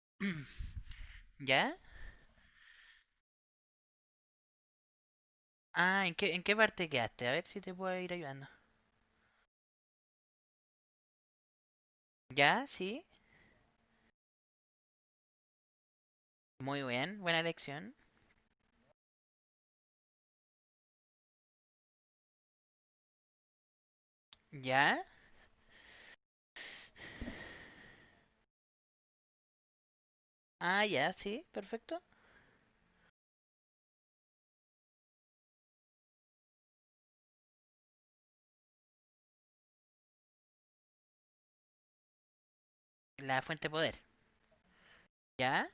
¿Ya? Ah, en qué parte quedaste? A ver si te puedo ir ayudando. ¿Ya? Sí. Muy bien, buena elección. ¿Ya? Ah, ya, sí, perfecto. La fuente de poder. ¿Ya?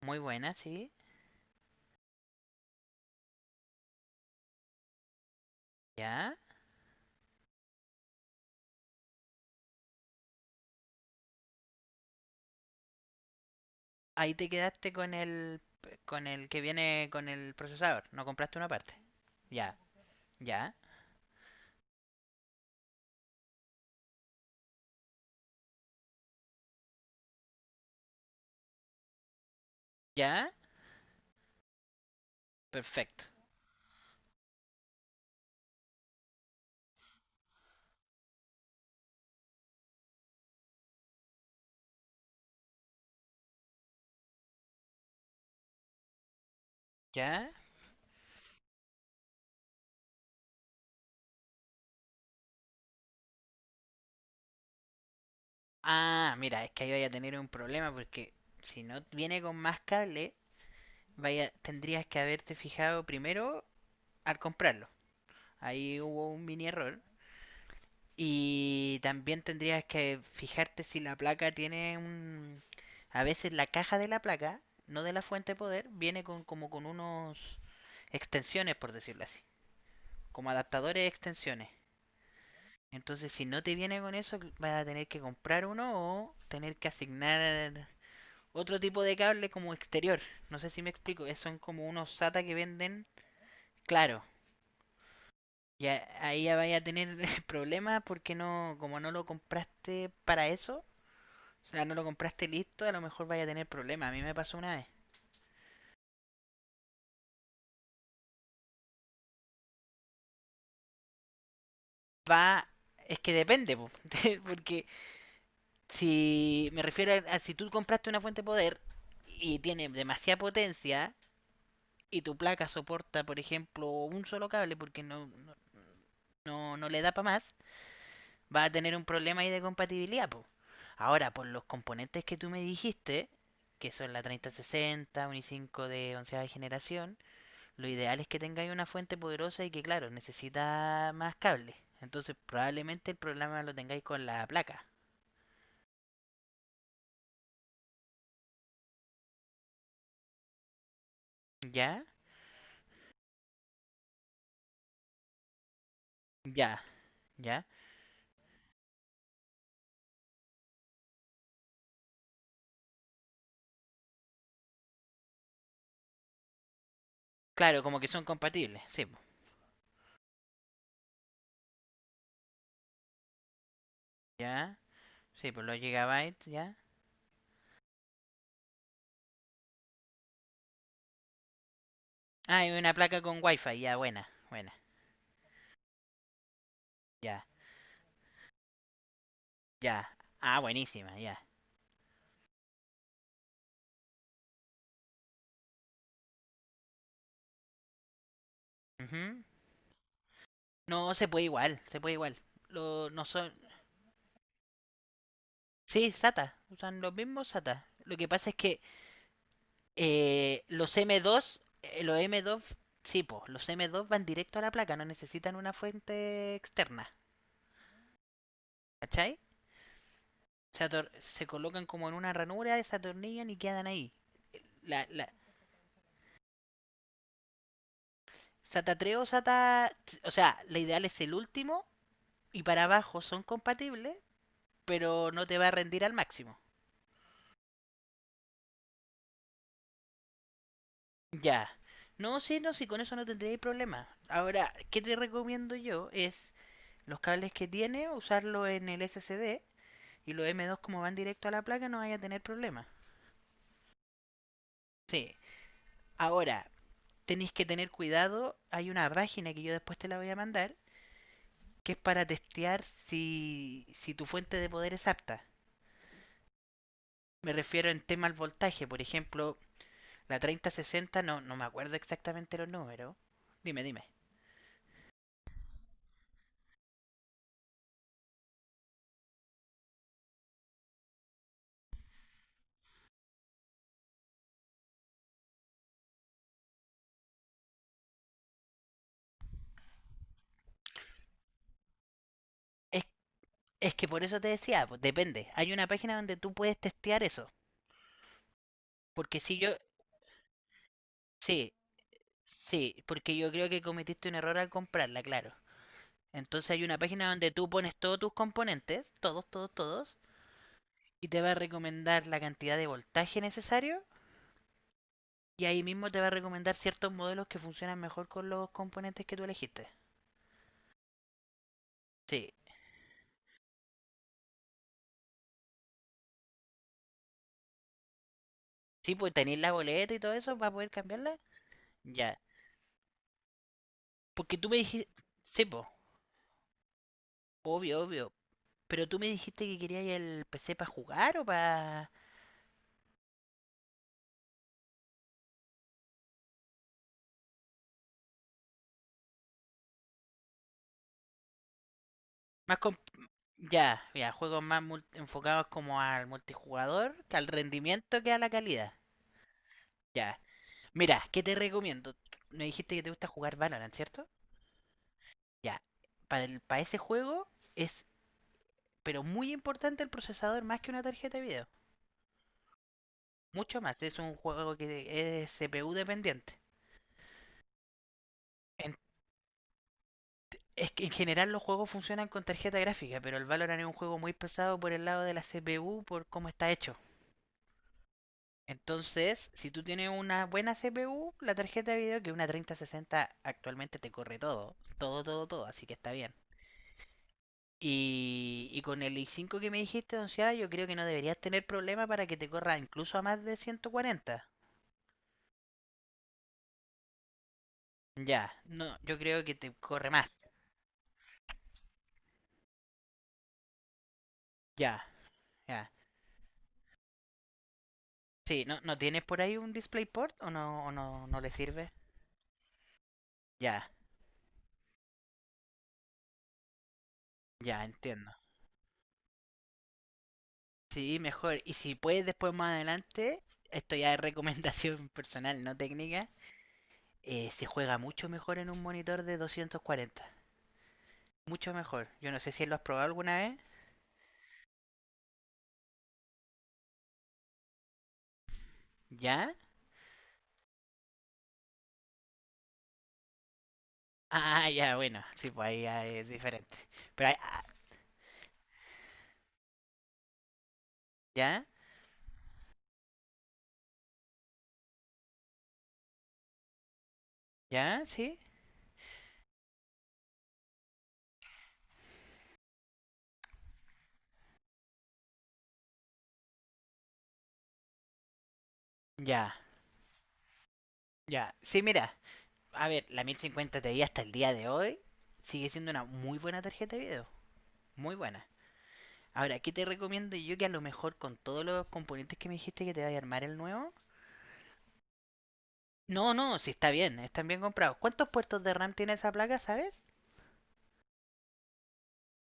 Muy buena, sí. ¿Ya? Ahí te quedaste con el que viene con el procesador. No compraste una parte. Ya, ya, ya. Perfecto. ¿Ya? Ah, mira, es que ahí vaya a tener un problema porque si no viene con más cable, vaya, tendrías que haberte fijado primero al comprarlo. Ahí hubo un mini error. Y también tendrías que fijarte si la placa tiene un... A veces la caja de la placa, no de la fuente de poder, viene con como con unos extensiones, por decirlo así. Como adaptadores de extensiones. Entonces si no te viene con eso, vas a tener que comprar uno o tener que asignar otro tipo de cable como exterior. No sé si me explico. Son como unos SATA que venden, claro. Ahí ya vaya a tener problemas porque no, como no lo compraste para eso, o sea, no lo compraste listo, a lo mejor vaya a tener problemas. A mí me pasó una vez. Va, es que depende, po, porque si me refiero a si tú compraste una fuente de poder y tiene demasiada potencia y tu placa soporta, por ejemplo, un solo cable porque no le da para más, va a tener un problema ahí de compatibilidad, po. Ahora, por los componentes que tú me dijiste, que son la 3060, un i5 de onceava generación, lo ideal es que tengáis una fuente poderosa y que, claro, necesita más cables. Entonces, probablemente el problema lo tengáis con la placa. ¿Ya? Ya, ya. Claro, como que son compatibles. Sí, po. Ya. Sí, por los gigabytes, ya. Ah, y una placa con wifi, ya, buena, buena. Ya, ya. Ah, buenísima, ya. Ujú. No, se puede igual, se puede igual. No son... Sí, SATA, usan los mismos SATA. Lo que pasa es que los M2, sí, po, los M2 van directo a la placa, no necesitan una fuente externa, ¿cachai? Se, se colocan como en una ranura, se atornillan y quedan ahí. La, la, SATA 3 o SATA, o sea, la ideal es el último y para abajo son compatibles, pero no te va a rendir al máximo. Ya. No, sí, no, sí, con eso no tendréis problema. Ahora, ¿qué te recomiendo yo? Es los cables que tiene, usarlo en el SSD, y los M2 como van directo a la placa no vaya a tener problema. Sí. Ahora, tenéis que tener cuidado, hay una página que yo después te la voy a mandar, que es para testear si tu fuente de poder es apta. Me refiero en tema al voltaje, por ejemplo, la 3060, no me acuerdo exactamente los números. Dime, dime. Es Es que por eso te decía, pues, depende. Hay una página donde tú puedes testear eso. Porque si yo, sí, sí, porque yo creo que cometiste un error al comprarla, claro. Entonces hay una página donde tú pones todos tus componentes, todos, todos, todos, y te va a recomendar la cantidad de voltaje necesario. Y ahí mismo te va a recomendar ciertos modelos que funcionan mejor con los componentes que tú elegiste. Sí, sí, pues tenéis la boleta y todo eso para poder cambiarla. Ya. Porque tú me dijiste, sí, pues, obvio, obvio. Pero tú me dijiste que querías el PC para jugar o para... Más com- Ya, ya, juegos más enfocados como al multijugador, que al rendimiento, que a la calidad. Ya. Mira, ¿qué te recomiendo? Me dijiste que te gusta jugar Valorant, ¿cierto? Ya. Para ese juego es, pero muy importante, el procesador más que una tarjeta de video. Mucho más. Es un juego que es CPU dependiente. En- es que en general los juegos funcionan con tarjeta gráfica, pero el Valorant es un juego muy pesado por el lado de la CPU, por cómo está hecho. Entonces, si tú tienes una buena CPU, la tarjeta de video, que una 3060 actualmente te corre todo, todo, todo, todo, así que está bien. Y con el i5 que me dijiste, onceada, yo creo que no deberías tener problema para que te corra incluso a más de 140. Ya, no, yo creo que te corre más. Ya, ya. Sí, no tienes por ahí un DisplayPort o o no, no le sirve? Ya, ya, entiendo. Sí, mejor. Y si puedes después más adelante, esto ya es recomendación personal, no técnica, se juega mucho mejor en un monitor de 240. Mucho mejor. Yo no sé si lo has probado alguna vez. ¿Ya? Ah, ya, bueno. Sí, pues ahí ya es diferente. Pero ahí- ¿ya? ¿Ya? ¿Sí? Ya. Ya. Sí, mira. A ver, la 1050 Ti hasta el día de hoy sigue siendo una muy buena tarjeta de video. Muy buena. Ahora, ¿qué te recomiendo yo que a lo mejor con todos los componentes que me dijiste que te vaya a armar el nuevo? No, no, sí está bien, están bien comprados. ¿Cuántos puertos de RAM tiene esa placa, sabes?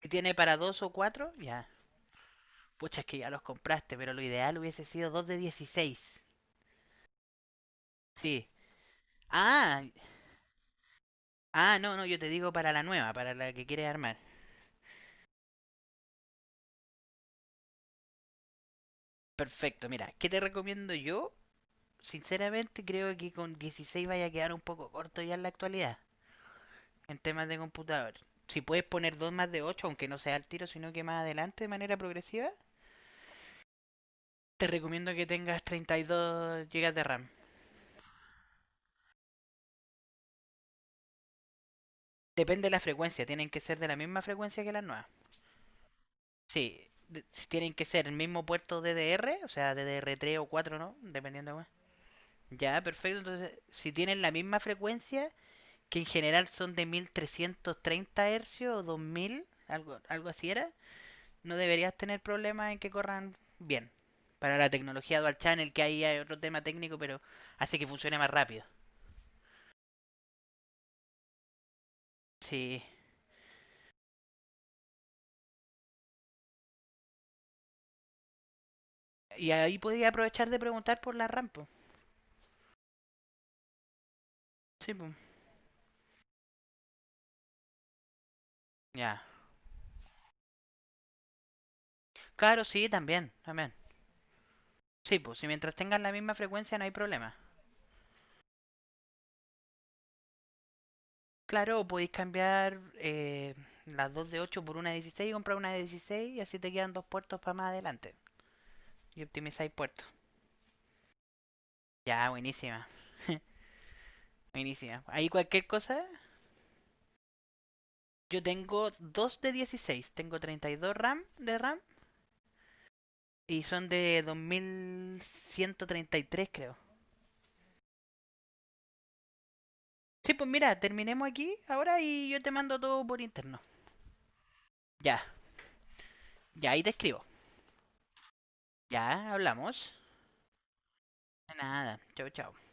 ¿Que tiene para dos o cuatro? Ya. Pucha, es que ya los compraste, pero lo ideal hubiese sido 2 de 16. Sí. Ah, no, no, yo te digo para la nueva, para la que quieres armar. Perfecto, mira, ¿qué te recomiendo yo? Sinceramente creo que con 16 vaya a quedar un poco corto ya en la actualidad, en temas de computador. Si puedes poner 2 más de 8, aunque no sea al tiro, sino que más adelante de manera progresiva, te recomiendo que tengas 32 gigas de RAM. Depende de la frecuencia, tienen que ser de la misma frecuencia que las nuevas. Sí, si tienen que ser el mismo puerto DDR, o sea, ddr tres o 4, ¿no? Dependiendo de... Ya, perfecto. Entonces, si tienen la misma frecuencia, que en general son de 1330 Hz o 2000, algo así era, no deberías tener problemas en que corran bien. Para la tecnología Dual Channel, que ahí hay otro tema técnico, pero hace que funcione más rápido. Sí. Y ahí podía aprovechar de preguntar por la RAM, po. Sí, pues. Ya. Claro, sí, también, también. Sí, pues si mientras tengan la misma frecuencia no hay problema. Claro, o podéis cambiar las 2 de 8 por una de 16, y comprar una de 16, y así te quedan dos puertos para más adelante. Y optimizáis puertos. Ya, buenísima. Buenísima. Ahí cualquier cosa. Yo tengo 2 de 16. Tengo 32 RAM de RAM, y son de 2133, creo. Sí, pues mira, terminemos aquí ahora y yo te mando todo por interno. Ya, ya ahí te escribo. Ya, hablamos. Nada. Chao, chao.